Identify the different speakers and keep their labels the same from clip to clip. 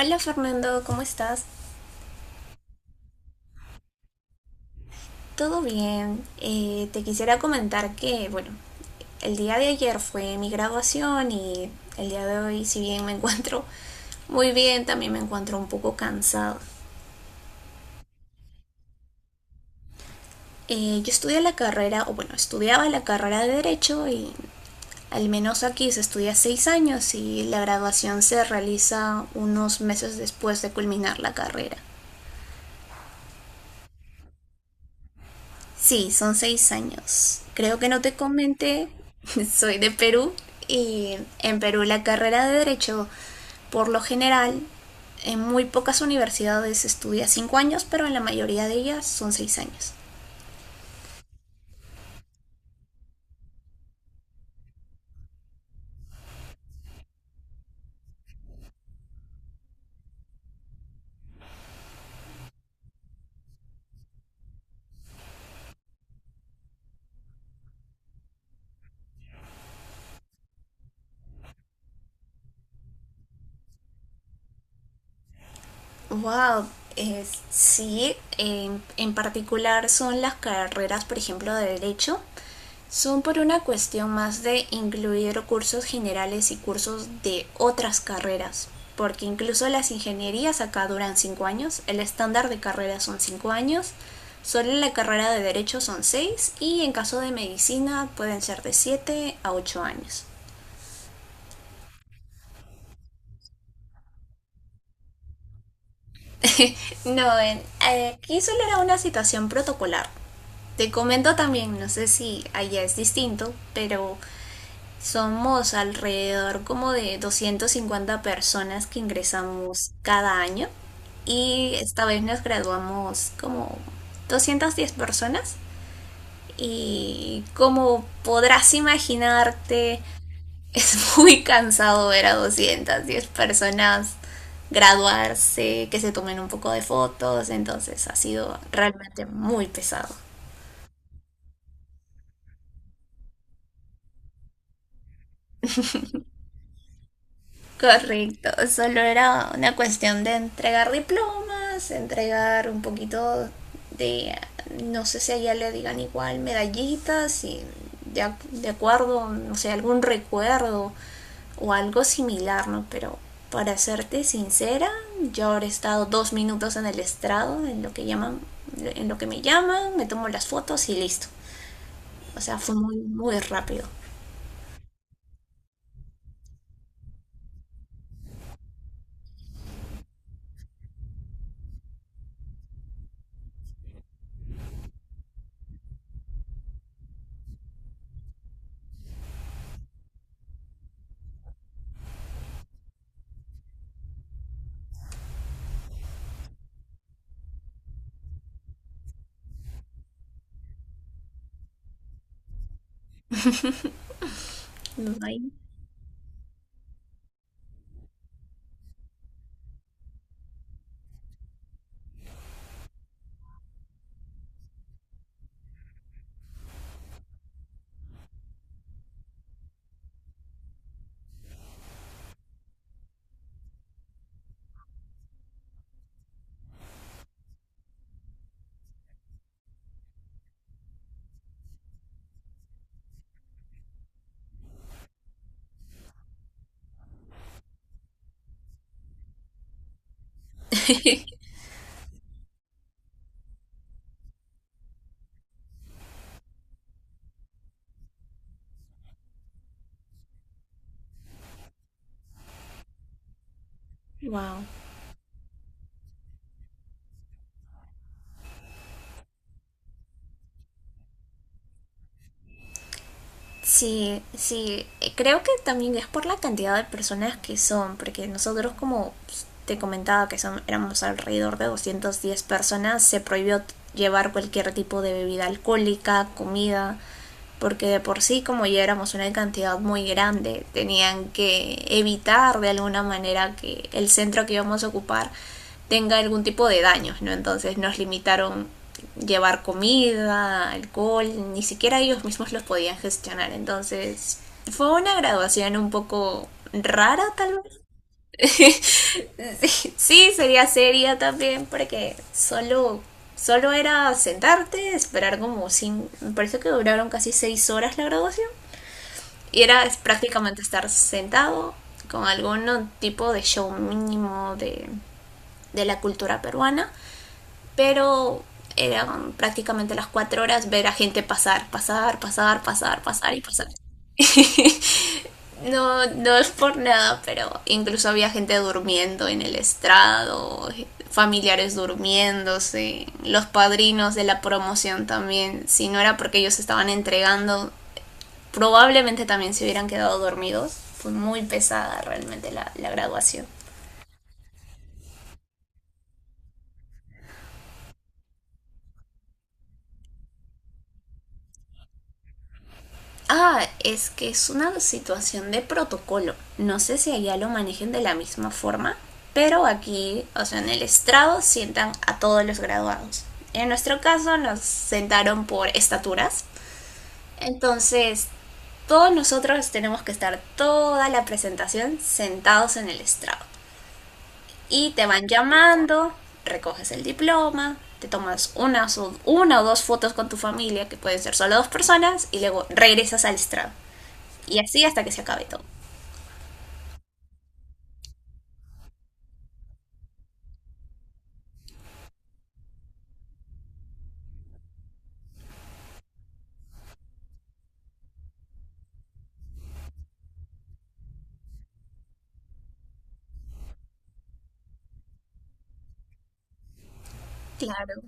Speaker 1: Hola Fernando, ¿cómo estás? ¿Todo bien? Te quisiera comentar que, bueno, el día de ayer fue mi graduación y el día de hoy, si bien me encuentro muy bien, también me encuentro un poco cansado. Yo estudié la carrera, o bueno, estudiaba la carrera de Derecho y al menos aquí se estudia 6 años y la graduación se realiza unos meses después de culminar la carrera. Sí, son 6 años. Creo que no te comenté, soy de Perú y en Perú la carrera de Derecho, por lo general, en muy pocas universidades estudia 5 años, pero en la mayoría de ellas son 6 años. Wow, eh, sí, en particular son las carreras, por ejemplo, de Derecho. Son por una cuestión más de incluir cursos generales y cursos de otras carreras, porque incluso las ingenierías acá duran 5 años, el estándar de carreras son 5 años, solo la carrera de derecho son 6 y en caso de medicina pueden ser de 7 a 8 años. no, en, aquí solo era una situación protocolar. Te comento también, no sé si allá es distinto, pero somos alrededor como de 250 personas que ingresamos cada año y esta vez nos graduamos como 210 personas, y como podrás imaginarte es muy cansado ver a 210 personas graduarse, que se tomen un poco de fotos, entonces ha sido realmente muy pesado. Correcto, solo era una cuestión de entregar diplomas, entregar un poquito de, no sé si allá le digan igual, medallitas y de, de acuerdo, no sé, algún recuerdo o algo similar, ¿no? Pero para serte sincera, yo ahora he estado 2 minutos en el estrado, en lo que llaman, en lo que me llaman, me tomo las fotos y listo. O sea, fue muy, muy rápido. Wow. Sí, sí, creo que también es por la cantidad de personas que son, porque nosotros, como pues, te comentaba que son, éramos alrededor de 210 personas, se prohibió llevar cualquier tipo de bebida alcohólica, comida, porque de por sí como ya éramos una cantidad muy grande, tenían que evitar de alguna manera que el centro que íbamos a ocupar tenga algún tipo de daños, ¿no? Entonces nos limitaron llevar comida, alcohol, ni siquiera ellos mismos los podían gestionar, entonces fue una graduación un poco rara tal vez. Sí, sería seria también porque solo era sentarte, esperar como sin, me parece que duraron casi 6 horas la graduación y era es prácticamente estar sentado con algún tipo de show mínimo de la cultura peruana, pero eran prácticamente las 4 horas ver a gente pasar, pasar, pasar, pasar, pasar y pasar. No, no es por nada, pero incluso había gente durmiendo en el estrado, familiares durmiéndose, los padrinos de la promoción también, si no era porque ellos estaban entregando probablemente también se hubieran quedado dormidos. Fue muy pesada realmente la, la graduación. Ah, es que es una situación de protocolo. No sé si allá lo manejen de la misma forma, pero aquí, o sea, en el estrado sientan a todos los graduados. En nuestro caso nos sentaron por estaturas. Entonces, todos nosotros tenemos que estar toda la presentación sentados en el estrado. Y te van llamando, recoges el diploma, te tomas una, una o dos fotos con tu familia, que pueden ser solo dos personas, y luego regresas al estrado. Y así hasta que se acabe todo. Claro,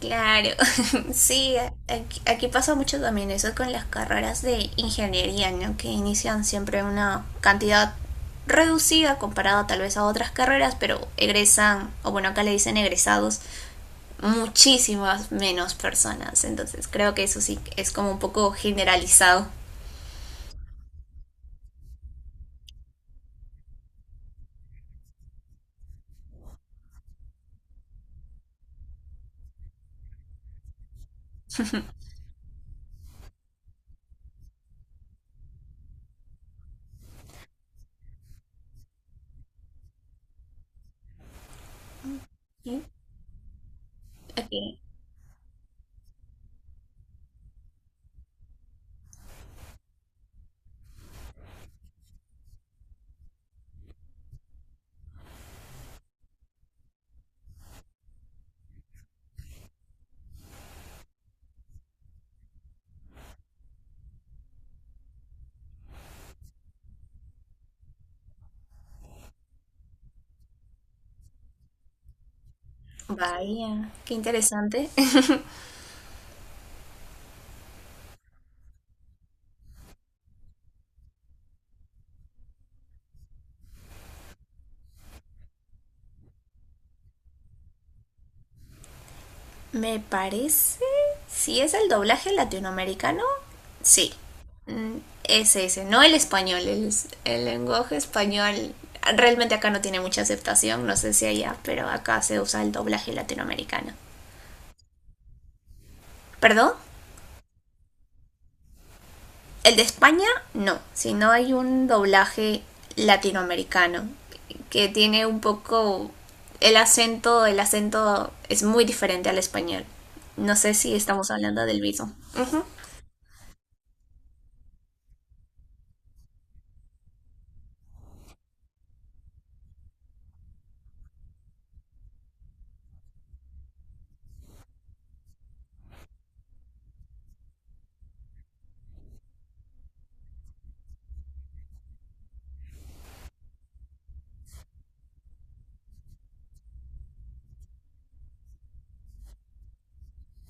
Speaker 1: claro. Sí, aquí pasa mucho también eso con las carreras de ingeniería, ¿no? Que inician siempre una cantidad reducida comparada tal vez a otras carreras, pero egresan, o bueno, acá le dicen egresados, muchísimas menos personas. Entonces creo que eso sí es como un poco generalizado. ¿Sí? Okay. Vaya, qué interesante. Me parece, si es el doblaje latinoamericano, sí. Mm, es ese, no el español. El lenguaje español realmente acá no tiene mucha aceptación, no sé si allá, pero acá se usa el doblaje latinoamericano. ¿Perdón? El de España no, sino hay un doblaje latinoamericano que tiene un poco el acento es muy diferente al español. No sé si estamos hablando del mismo. Ujú.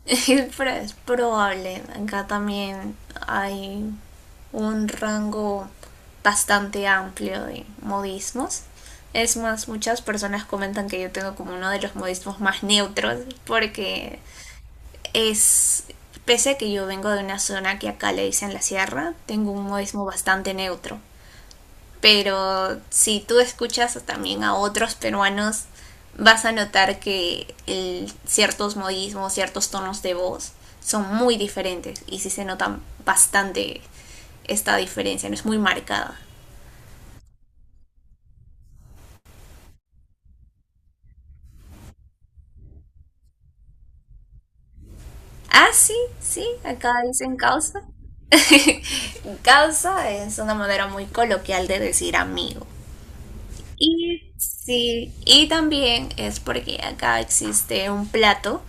Speaker 1: Pero es probable. Acá también hay un rango bastante amplio de modismos. Es más, muchas personas comentan que yo tengo como uno de los modismos más neutros porque es, pese a que yo vengo de una zona que acá le dicen la sierra, tengo un modismo bastante neutro. Pero si tú escuchas también a otros peruanos, vas a notar que el, ciertos modismos, ciertos tonos de voz son muy diferentes y sí se nota bastante esta diferencia, no es muy marcada. Ah, sí, sí, acá dicen causa. Causa es una manera muy coloquial de decir amigo. Y sí, y también es porque acá existe un plato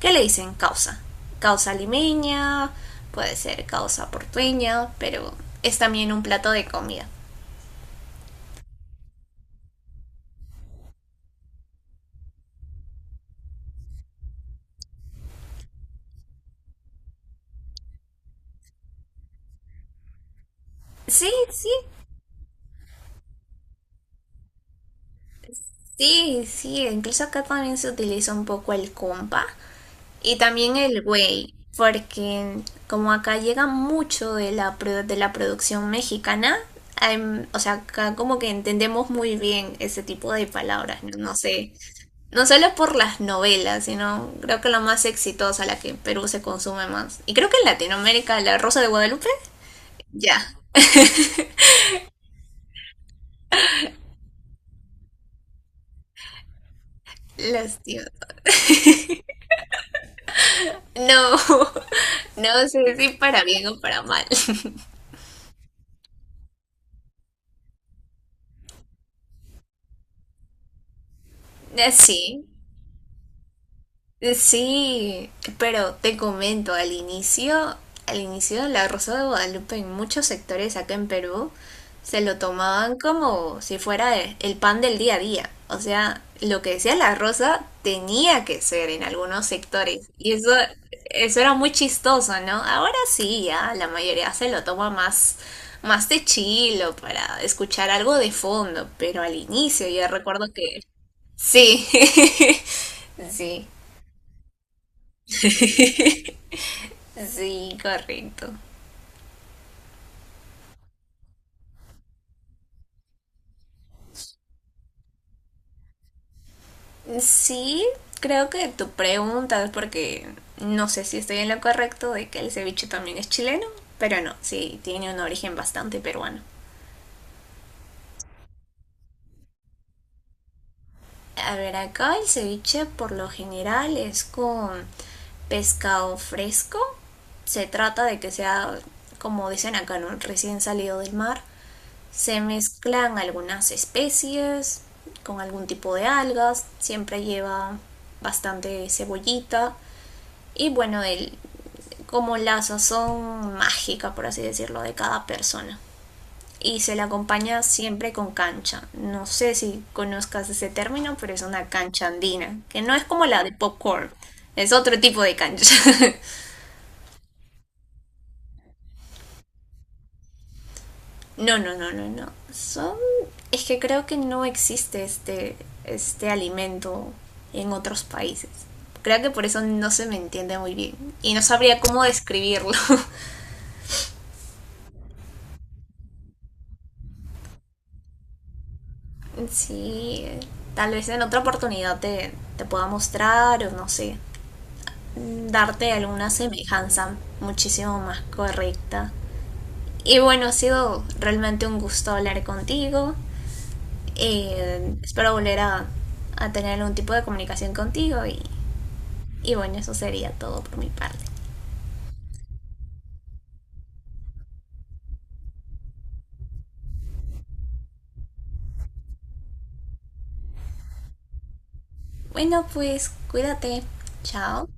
Speaker 1: que le dicen causa. Causa limeña, puede ser causa portueña, pero es también un plato de comida. Sí, sí, sí, sí, incluso acá también se utiliza un poco el compa, y también el güey, porque como acá llega mucho de la, de la producción mexicana, o sea, acá como que entendemos muy bien ese tipo de palabras, no, no sé. No solo por las novelas, sino creo que la más exitosa, la que en Perú se consume más. Y creo que en Latinoamérica, La Rosa de Guadalupe, ya, lastimoso. No, no sé si para bien o para mal. Sí, sí, pero te comento, al inicio la Rosa de Guadalupe en muchos sectores acá en Perú se lo tomaban como si fuera el pan del día a día. O sea, lo que decía la Rosa tenía que ser en algunos sectores. Y eso era muy chistoso, ¿no? Ahora sí, ya la mayoría se lo toma más, más de chilo para escuchar algo de fondo, pero al inicio yo recuerdo que sí, sí. Sí, correcto. Sí, creo que tu pregunta, porque no sé si estoy en lo correcto de que el ceviche también es chileno, pero no, sí, tiene un origen bastante peruano. A ver, acá el ceviche por lo general es con pescado fresco. Se trata de que sea, como dicen acá, ¿no? Recién salido del mar. Se mezclan algunas especies con algún tipo de algas. Siempre lleva bastante cebollita y bueno, el, como la sazón mágica, por así decirlo, de cada persona. Y se la acompaña siempre con cancha. No sé si conozcas ese término, pero es una cancha andina, que no es como la de popcorn, es otro tipo de cancha. No, no, no, no, no. Son... Es que creo que no existe este, este alimento en otros países. Creo que por eso no se me entiende muy bien y no sabría cómo describirlo. Sí, tal vez en otra oportunidad te, te pueda mostrar o no sé, darte alguna semejanza muchísimo más correcta. Y bueno, ha sido realmente un gusto hablar contigo. Espero volver a tener algún tipo de comunicación contigo y bueno, eso sería todo por mi parte. Bueno, pues cuídate. Chao.